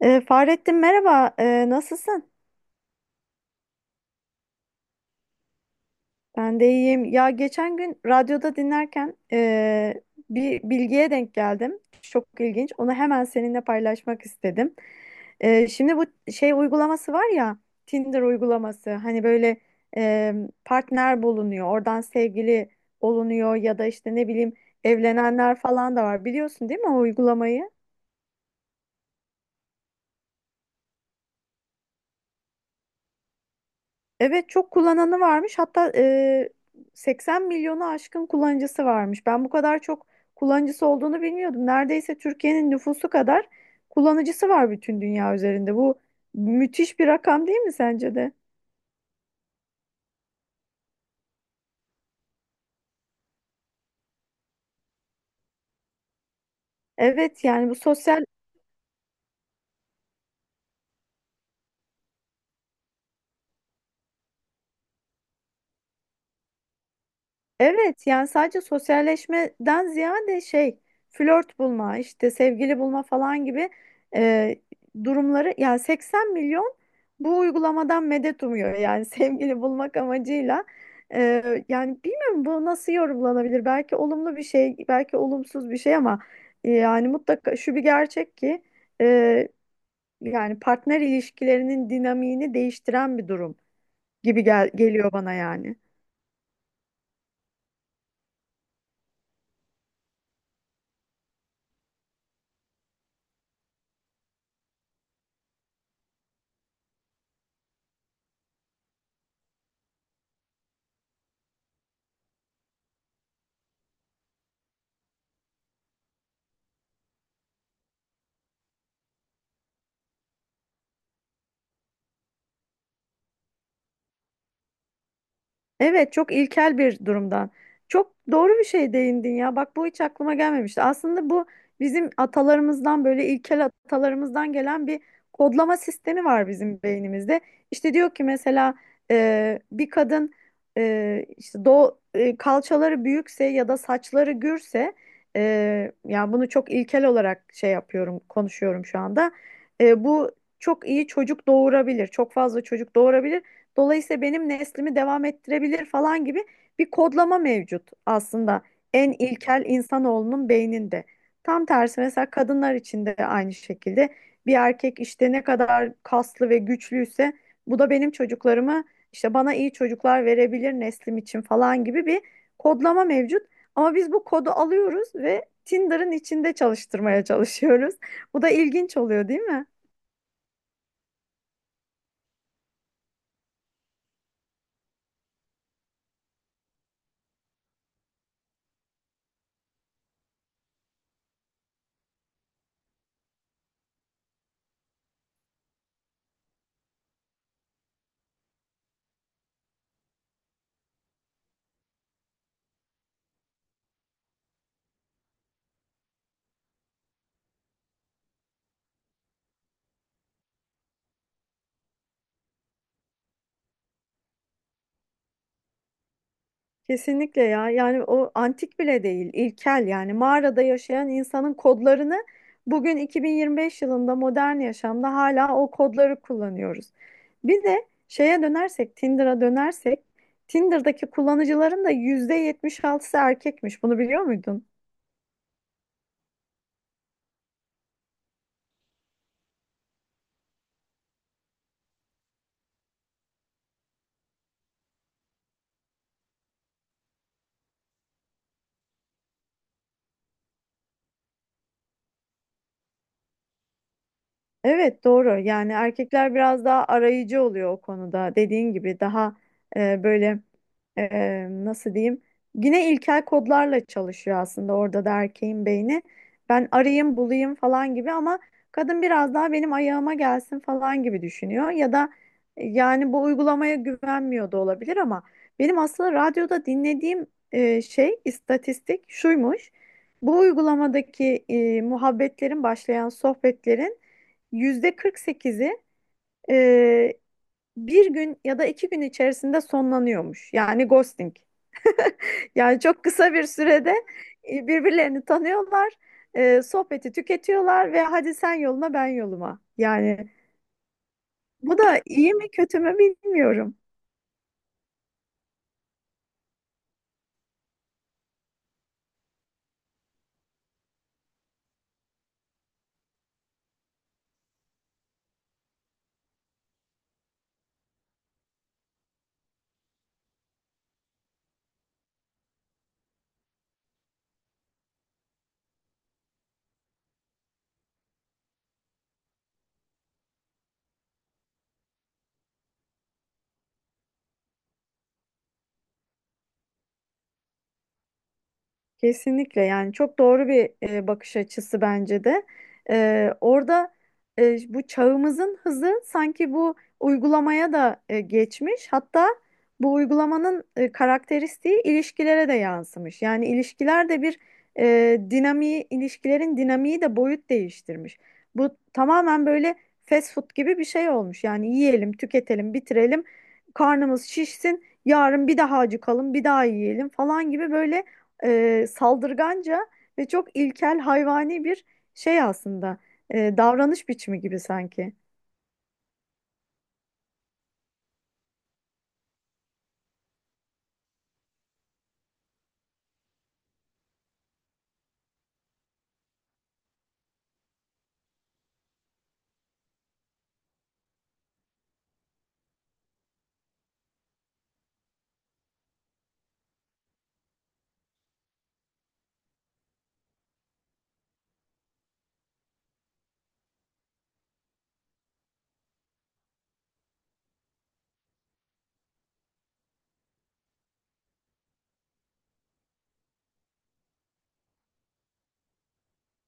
Fahrettin, merhaba. Nasılsın? Ben de iyiyim. Ya geçen gün radyoda dinlerken bir bilgiye denk geldim. Çok ilginç. Onu hemen seninle paylaşmak istedim. Şimdi bu şey uygulaması var ya, Tinder uygulaması. Hani böyle ee, partner bulunuyor, oradan sevgili olunuyor ya da işte ne bileyim evlenenler falan da var. Biliyorsun değil mi o uygulamayı? Evet, çok kullananı varmış. Hatta 80 milyonu aşkın kullanıcısı varmış. Ben bu kadar çok kullanıcısı olduğunu bilmiyordum. Neredeyse Türkiye'nin nüfusu kadar kullanıcısı var bütün dünya üzerinde. Bu müthiş bir rakam değil mi sence de? Evet, yani bu sosyal. Evet, yani sadece sosyalleşmeden ziyade şey, flört bulma, işte sevgili bulma falan gibi e, durumları. Yani 80 milyon bu uygulamadan medet umuyor yani sevgili bulmak amacıyla. E, yani bilmiyorum, bu nasıl yorumlanabilir, belki olumlu bir şey belki olumsuz bir şey ama yani mutlaka şu bir gerçek ki e, yani partner ilişkilerinin dinamiğini değiştiren bir durum gibi geliyor bana yani. Evet, çok ilkel bir durumdan. Çok doğru bir şey değindin ya. Bak, bu hiç aklıma gelmemişti. Aslında bu bizim atalarımızdan, böyle ilkel atalarımızdan gelen bir kodlama sistemi var bizim beynimizde. İşte diyor ki mesela bir kadın, işte kalçaları büyükse ya da saçları gürse, yani bunu çok ilkel olarak şey yapıyorum, konuşuyorum şu anda. Bu çok iyi çocuk doğurabilir. Çok fazla çocuk doğurabilir. Dolayısıyla benim neslimi devam ettirebilir falan gibi bir kodlama mevcut aslında en ilkel insanoğlunun beyninde. Tam tersi, mesela kadınlar için de aynı şekilde bir erkek işte ne kadar kaslı ve güçlüyse bu da benim çocuklarımı, işte bana iyi çocuklar verebilir neslim için falan gibi bir kodlama mevcut. Ama biz bu kodu alıyoruz ve Tinder'ın içinde çalıştırmaya çalışıyoruz. Bu da ilginç oluyor, değil mi? Kesinlikle ya. Yani o antik bile değil, ilkel, yani mağarada yaşayan insanın kodlarını bugün 2025 yılında modern yaşamda hala o kodları kullanıyoruz. Bir de şeye dönersek, Tinder'a dönersek, Tinder'daki kullanıcıların da %76'sı erkekmiş. Bunu biliyor muydun? Evet, doğru. Yani erkekler biraz daha arayıcı oluyor o konuda. Dediğin gibi daha böyle, nasıl diyeyim? Yine ilkel kodlarla çalışıyor aslında, orada da erkeğin beyni. Ben arayayım bulayım falan gibi ama kadın biraz daha benim ayağıma gelsin falan gibi düşünüyor. Ya da yani bu uygulamaya güvenmiyor da olabilir ama benim aslında radyoda dinlediğim şey istatistik şuymuş. Bu uygulamadaki başlayan sohbetlerin yüzde 48'i, e, bir gün ya da iki gün içerisinde sonlanıyormuş. Yani ghosting. Yani çok kısa bir sürede birbirlerini tanıyorlar, sohbeti tüketiyorlar ve hadi sen yoluna, ben yoluma. Yani bu da iyi mi kötü mü bilmiyorum. Kesinlikle, yani çok doğru bir bakış açısı bence de. Orada bu çağımızın hızı sanki bu uygulamaya da geçmiş. Hatta bu uygulamanın karakteristiği ilişkilere de yansımış. Yani ilişkiler de bir dinamiği, ilişkilerin dinamiği de boyut değiştirmiş. Bu tamamen böyle fast food gibi bir şey olmuş. Yani yiyelim, tüketelim, bitirelim, karnımız şişsin, yarın bir daha acıkalım, bir daha yiyelim falan gibi böyle saldırganca ve çok ilkel hayvani bir şey aslında. Davranış biçimi gibi sanki.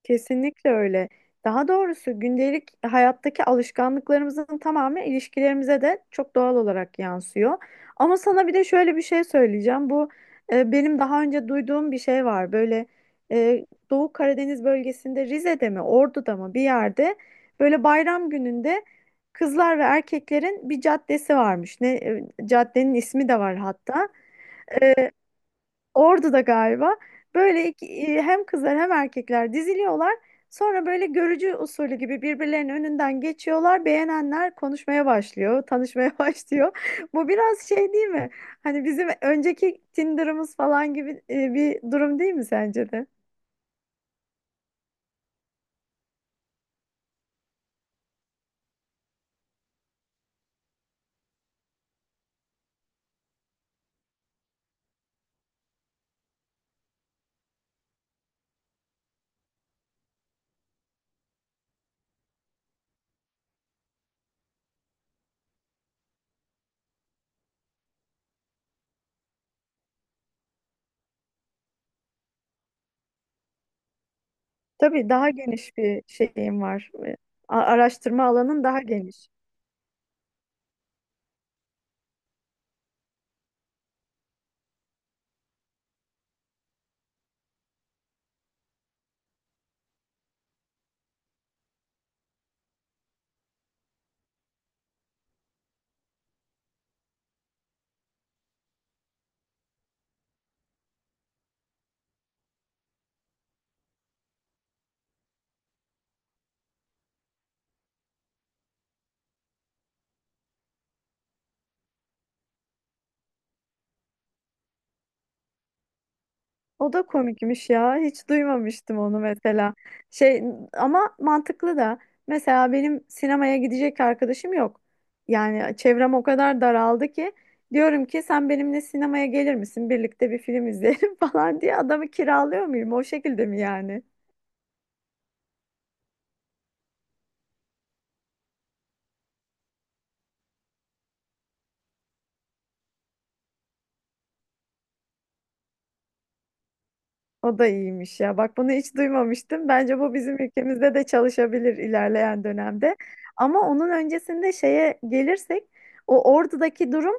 Kesinlikle öyle. Daha doğrusu gündelik hayattaki alışkanlıklarımızın tamamı ilişkilerimize de çok doğal olarak yansıyor. Ama sana bir de şöyle bir şey söyleyeceğim. Bu benim daha önce duyduğum bir şey var. Böyle Doğu Karadeniz bölgesinde Rize'de mi, Ordu'da mı bir yerde böyle bayram gününde kızlar ve erkeklerin bir caddesi varmış. Ne, caddenin ismi de var hatta. E, Orada da galiba böyle hem kızlar hem erkekler diziliyorlar. Sonra böyle görücü usulü gibi birbirlerinin önünden geçiyorlar. Beğenenler konuşmaya başlıyor, tanışmaya başlıyor. Bu biraz şey değil mi? Hani bizim önceki Tinder'ımız falan gibi bir durum değil mi sence de? Tabii daha geniş bir şeyim var. Araştırma alanın daha geniş. O da komikmiş ya. Hiç duymamıştım onu mesela. Şey, ama mantıklı da. Mesela benim sinemaya gidecek arkadaşım yok. Yani çevrem o kadar daraldı ki diyorum ki sen benimle sinemaya gelir misin? Birlikte bir film izleyelim falan diye adamı kiralıyor muyum? O şekilde mi yani? O da iyiymiş ya. Bak, bunu hiç duymamıştım. Bence bu bizim ülkemizde de çalışabilir ilerleyen dönemde. Ama onun öncesinde şeye gelirsek, o Ordu'daki durum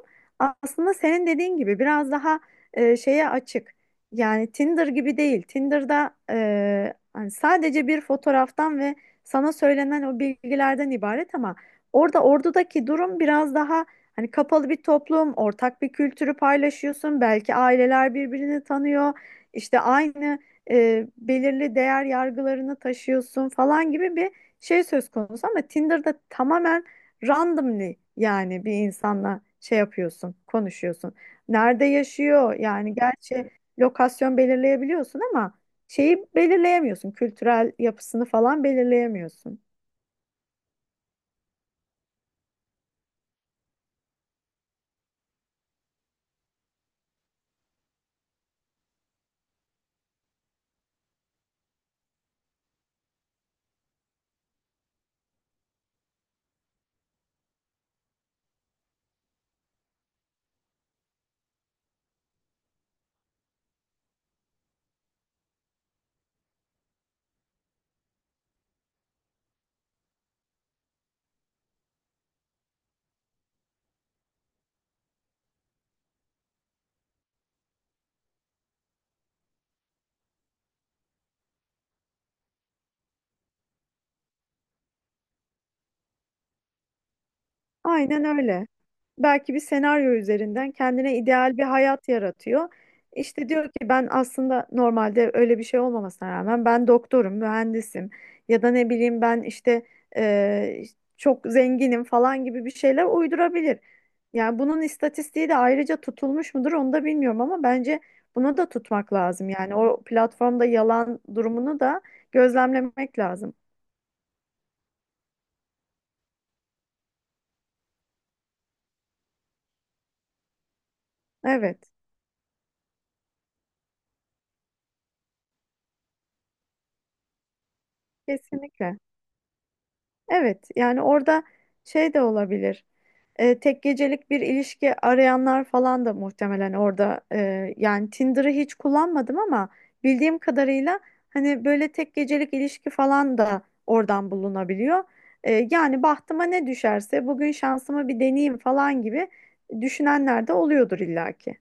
aslında senin dediğin gibi biraz daha şeye açık. Yani Tinder gibi değil. Tinder'da hani sadece bir fotoğraftan ve sana söylenen o bilgilerden ibaret ama orada Ordu'daki durum biraz daha, hani, kapalı bir toplum, ortak bir kültürü paylaşıyorsun. Belki aileler birbirini tanıyor. İşte aynı belirli değer yargılarını taşıyorsun falan gibi bir şey söz konusu ama Tinder'da tamamen randomly, yani bir insanla şey yapıyorsun, konuşuyorsun. Nerede yaşıyor? Yani gerçi lokasyon belirleyebiliyorsun ama şeyi belirleyemiyorsun. Kültürel yapısını falan belirleyemiyorsun. Aynen öyle. Belki bir senaryo üzerinden kendine ideal bir hayat yaratıyor. İşte diyor ki ben aslında normalde öyle bir şey olmamasına rağmen ben doktorum, mühendisim ya da ne bileyim, ben işte e, çok zenginim falan gibi bir şeyler uydurabilir. Yani bunun istatistiği de ayrıca tutulmuş mudur onu da bilmiyorum ama bence bunu da tutmak lazım. Yani o platformda yalan durumunu da gözlemlemek lazım. Evet, kesinlikle. Evet, yani orada şey de olabilir. Tek gecelik bir ilişki arayanlar falan da muhtemelen orada, yani Tinder'ı hiç kullanmadım ama bildiğim kadarıyla hani böyle tek gecelik ilişki falan da oradan bulunabiliyor. Yani bahtıma ne düşerse bugün şansımı bir deneyeyim falan gibi düşünenler de oluyordur illaki.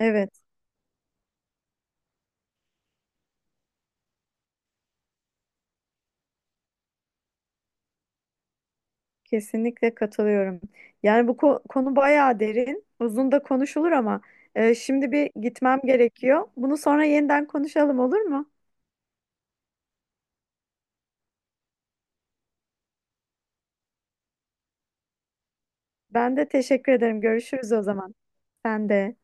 Evet, kesinlikle katılıyorum. Yani bu konu bayağı derin, uzun da konuşulur ama şimdi bir gitmem gerekiyor. Bunu sonra yeniden konuşalım olur mu? Ben de teşekkür ederim. Görüşürüz o zaman. Sen de.